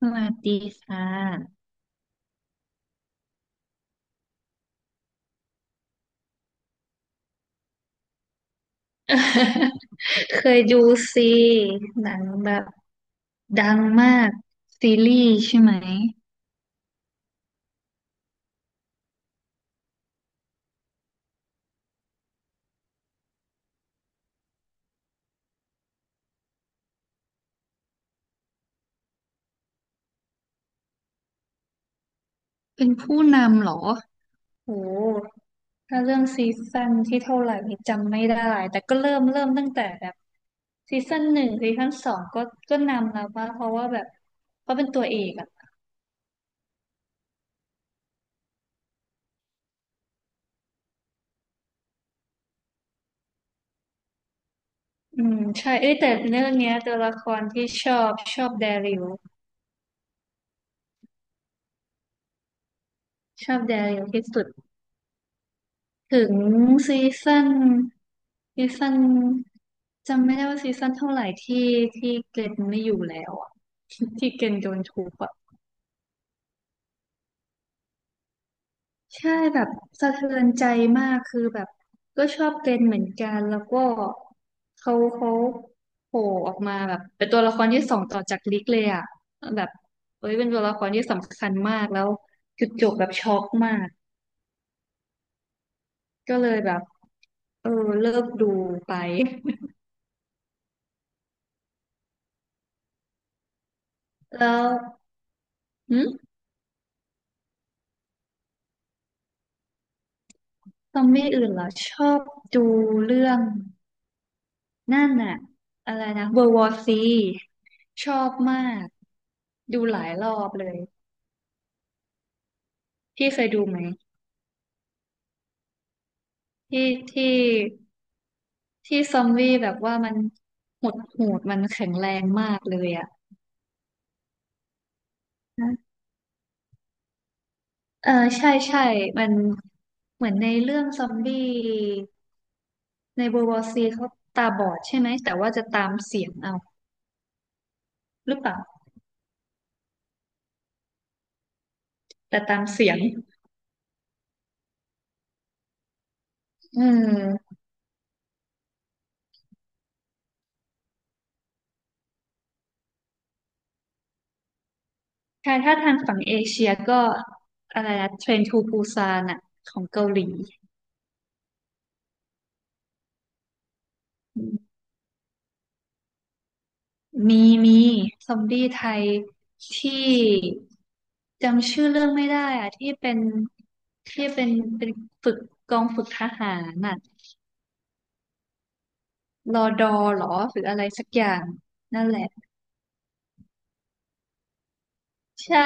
สวัสดีค่ะ เคยดูซีหนังแบบดังมากซีรีส์ใช่ไหมเป็นผู้นำเหรอโหถ้าเรื่องซีซั่นที่เท่าไหร่นี่จำไม่ได้แต่ก็เริ่มตั้งแต่แบบซีซั่นหนึ่งซีซั่นสองก็นำแล้วป่ะเพราะว่าแบบเขาเป็นตัวเอกอ่ะอืมใช่เอ้ยแต่เรื่องเนี้ยตัวละครที่ชอบแดริวชอบแดริวที่สุดถึงซีซั่นซีซั่น จำไม่ได้ว่าซีซั่นเท่าไหร่ที่เกรนไม่อยู่แล้วอะ ที่เกรนโดนทุบอะใช่แบบสะเทือนใจมากคือแบบก็ชอบเกรนเหมือนกันแล้วก็เขาโผล่ออกมาแบบเป็นตัวละครที่สองต่อจากลิกเลยอะแบบเอ้ยเป็นตัวละครที่สำคัญมากแล้วจุดจบแบบช็อกมากก็เลยแบบเออเลิกดูไป แล้วหืมซอมบี้อื่นเหรอชอบดูเรื่อง นั่นน่ะอะไรนะ World War C ชอบมากดูหลายรอบเลยพี่เคยดูไหมที่ที่ที่ซอมบี้แบบว่ามันหดหูดมันแข็งแรงมากเลยอ่ะนะเออใช่มันเหมือนในเรื่องซอมบี้ใน World War C เขาตาบอดใช่ไหมแต่ว่าจะตามเสียงเอาหรือเปล่าแต่ตามเสียงอืมใช่ถ้าทางฝั่งเอเชียก็อะไรนะเทรนทูปูซานอ่ะของเกาหลี มีมีซอมบี้ไทยที่จำชื่อเรื่องไม่ได้อะที่เป็นฝึกกองฝึกทหารน่ะรอดอหรอหรืออะไรสักอย่างนั่นแหละใช่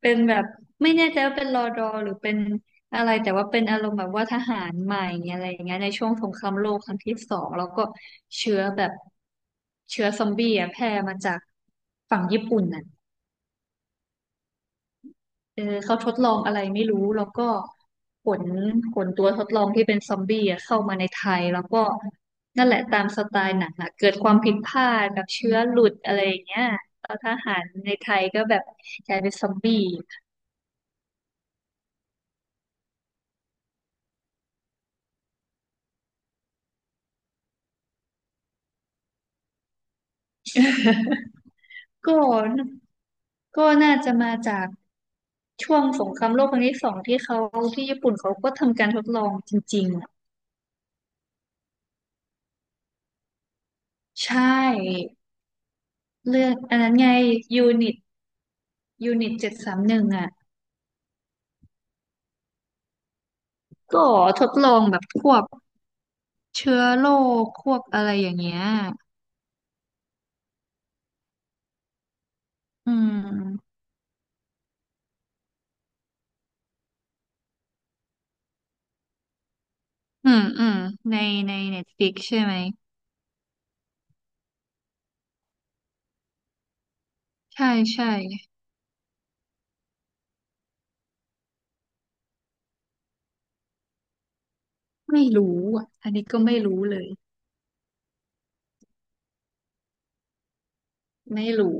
เป็นแบบไม่แน่ใจว่าเป็นรอดอหรือเป็นอะไรแต่ว่าเป็นอารมณ์แบบว่าทหารใหม่อะไรอย่างเงี้ยในช่วงสงครามโลกครั้งที่สองแล้วก็เชื้อแบบเชื้อซอมบี้อะแพร่มาจากฝั่งญี่ปุ่นน่ะ เออเขาทดลองอะไรไม่รู้แล้วก็ขนขนตัวทดลองที่เป็นซอมบี้อะเข้ามาในไทยแล้วก็นั่นแหละตามสไตล์หนังอะเกิดความผิดพลาดแบบเชื้อหลุดอะไรอย่างเงี้ยแล้วทหารในไทยก็แบบกลายเป็นซอมบี้ ก็ก็น่าจะมาจากช่วงสงครามโลกครั้งที่สองที่เขาที่ญี่ปุ่นเขาก็ทำการทดลองจริงๆใช่เรื่องอันนั้นไงยูนิตยูนิต731อ่ะ ก็ทดลองแบบควบเชื้อโรคอะไรอย่างเงี้ย อืม อืมอืมในในเน็ตฟลิกใช่ไหมใช่ใช่ ไม่รู้อ่ะอันนี้ก็ไม่รู้เลย ไม่รู้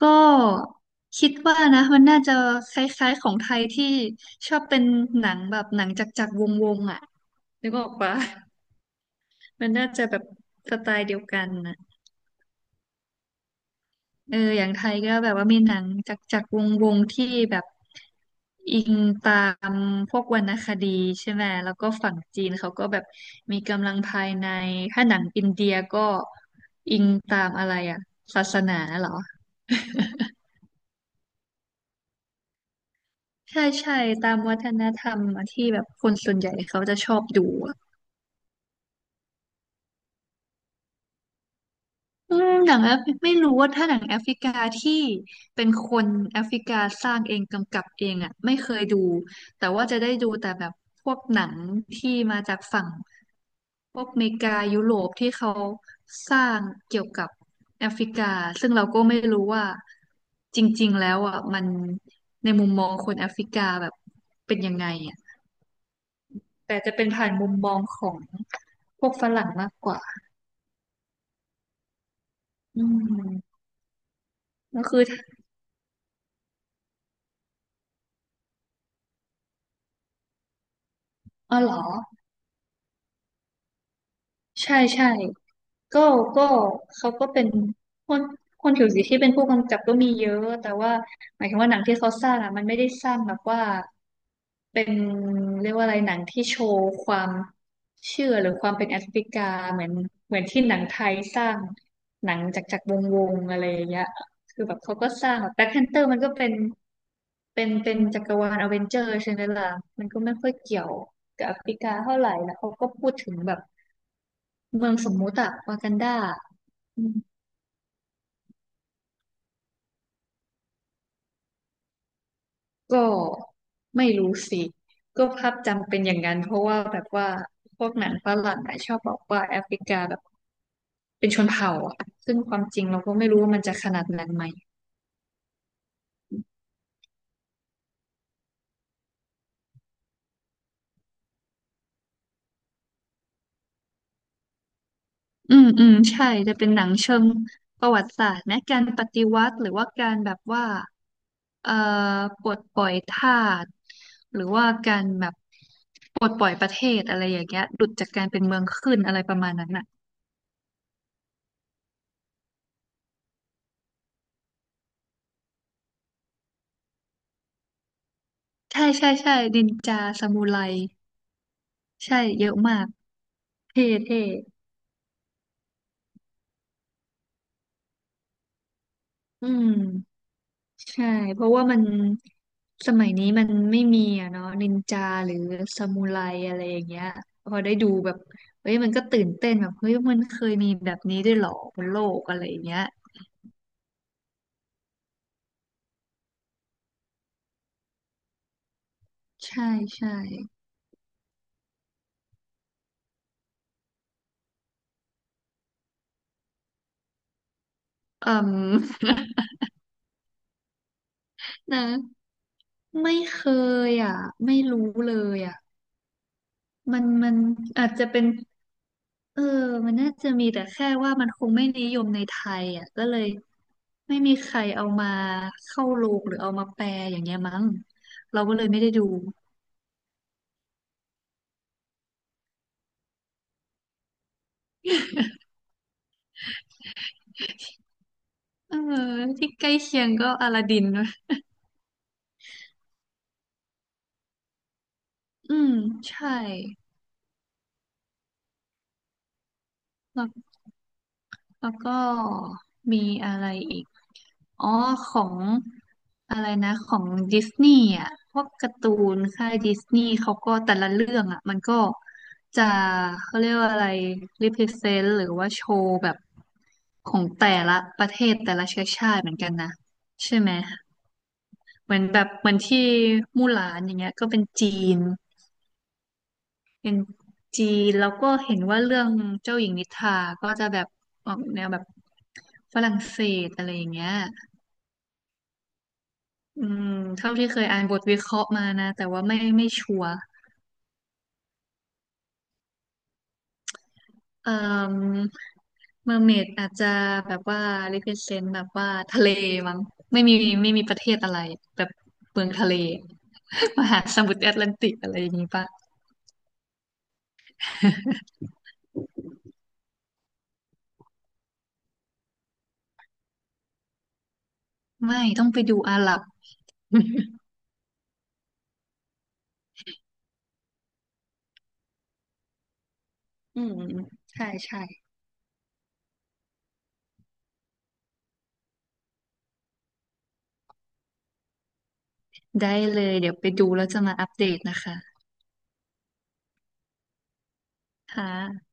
ก็คิดว่านะมันน่าจะคล้ายๆของไทยที่ชอบเป็นหนังแบบหนังจักรๆวงๆอ่ะนึกออกปะ มันน่าจะแบบสไตล์เดียวกันนะ เอออย่างไทยก็แบบว่ามีหนังจากวงวงที่แบบอิงตามพวกวรรณคดีใช่ไหม แล้วก็ฝั่งจีนเขาก็แบบมีกำลังภายใน ถ้าหนังอินเดียก็อิงตามอะไรอะศาสนาเหรอ ใช่ใช่ตามวัฒนธรรมที่แบบคนส่วนใหญ่เขาจะชอบดู อืมหนังแอฟไม่รู้ว่าถ้าหนังแอฟริกาที่เป็นคนแอฟริกาสร้างเองกำกับเองอ่ะไม่เคยดูแต่ว่าจะได้ดูแต่แบบพวกหนังที่มาจากฝั่งพวกอเมริกายุโรปที่เขาสร้างเกี่ยวกับแอฟริกาซึ่งเราก็ไม่รู้ว่าจริงๆแล้วอ่ะมันในมุมมองคนแอฟริกาแบบเป็นยังไงอ่ะแต่จะเป็นผ่านมุมมองของพวกฝรั่งมากกว่าอืมก็คืออ๋อเหรอ ใช่ก็ก็เขาก็เป็นคนคนผิวสีที่เป็นผู้กำกับก็มีเยอะแต่ว่าหมายถึงว่าหนังที่เขาสร้างอ่ะมันไม่ได้สร้างแบบว่าเป็นเรียกว่าอะไรหนังที่โชว์ความเชื่อหรือความเป็นแอฟริกาเหมือนเหมือนที่หนังไทยสร้างหนังจากวงวงอะไรอย่างเงี้ยคือแบบเขาก็สร้างแบบแบล็คแพนเตอร์มันก็เป็นจักรวาลอเวนเจอร์ใช่ไหมล่ะมันก็ไม่ค่อยเกี่ยวกับแอฟริกาเท่าไหร่แล้วเขาก็พูดถึงแบบ เมืองสมมุติอะวากันดาอืมก็ไม่รู้สิก็ภาพจำเป็นอย่างนั้นเพราะว่าแบบว่าพวกหนังฝรั่งอะชอบบอกว่าแอฟริกาแบบเป็นชนเผ่าอะซึ่งความจริงเราก็ไม่รู้ว่ามันจะขนาดนั้นไหมอืมใช่ จะเป็นหนังเชิงประวัติศาสตร์นะการปฏิวัติหรือว่าการแบบว่าเอ่อปลดปล่อยทาสหรือว่าการแบบปลดปล่อยประเทศอะไรอย่างเงี้ยหลุดจากการเป็นเมืองขึ้นอะไรประมาณนั้นอ่ะ ใช่นินจาซามูไรใช่เยอะมากเท่อืมใช่เพราะว่ามันสมัยนี้มันไม่มีอะเนาะนินจาหรือซามูไรอะไรอย่างเงี้ยพอได้ดูแบบเฮ้ยมันก็ตื่นเต้นแบบเฮ้ยมันเคยมีแบบนี้ด้วยเหรอบนโลกอะไรอย่างเงี้ยใช่ใช่อืม นะไม่เคยอ่ะไม่รู้เลยอ่ะมันอาจจะเป็น เออมันน่าจะมีแต่แค่ว่ามันคงไม่นิยมในไทยอ่ะก็เลยไม่มีใครเอามาเข้าโรงหรือเอามาแปลอย่างเงี้ยมั้งเราก็เลยไม่ได้ดูเออที่ใกล้เคียงก็อลาดินนะอืมใช่แล้วแล้วก็มีอะไรอีก อ๋อของอะไรนะของดิสนีย์อ่ะพวกการ์ตูนค่ายดิสนีย์เขาก็แต่ละเรื่องอ่ะมันก็จะเขาเรียกว่าอะไรรีเพรเซนต์หรือว่าโชว์แบบของแต่ละประเทศแต่ละเชื้อชาติเหมือนกันนะใช่ไหมเหมือนแบบเหมือนที่มู่หลานอย่างเงี้ยก็เป็นจีนเป็นนแล้วก็เห็นว่าเรื่องเจ้าหญิงนิทราก็จะแบบออกแนวแบบฝรั่งเศสอะไรอย่างเงี้ย อืมเท่าที่เคยอ่านบทวิเคราะห์มานะแต่ว่าไม่ชัวร์เอ่อเมอร์เมดอาจจะแบบว่า represent แบบว่าทะเลมั้งไม่มีไม่มีประเทศอะไรแบบเมืองทะเล มหาสมุทรแอตแลนติกอะไรอย่างนี้ปะไม่ต้องไปดูอาหรับ อืมใช่ได้เลยเดี๋ยวไปดูแล้วจะมาอัปเดตนะคะค่ะ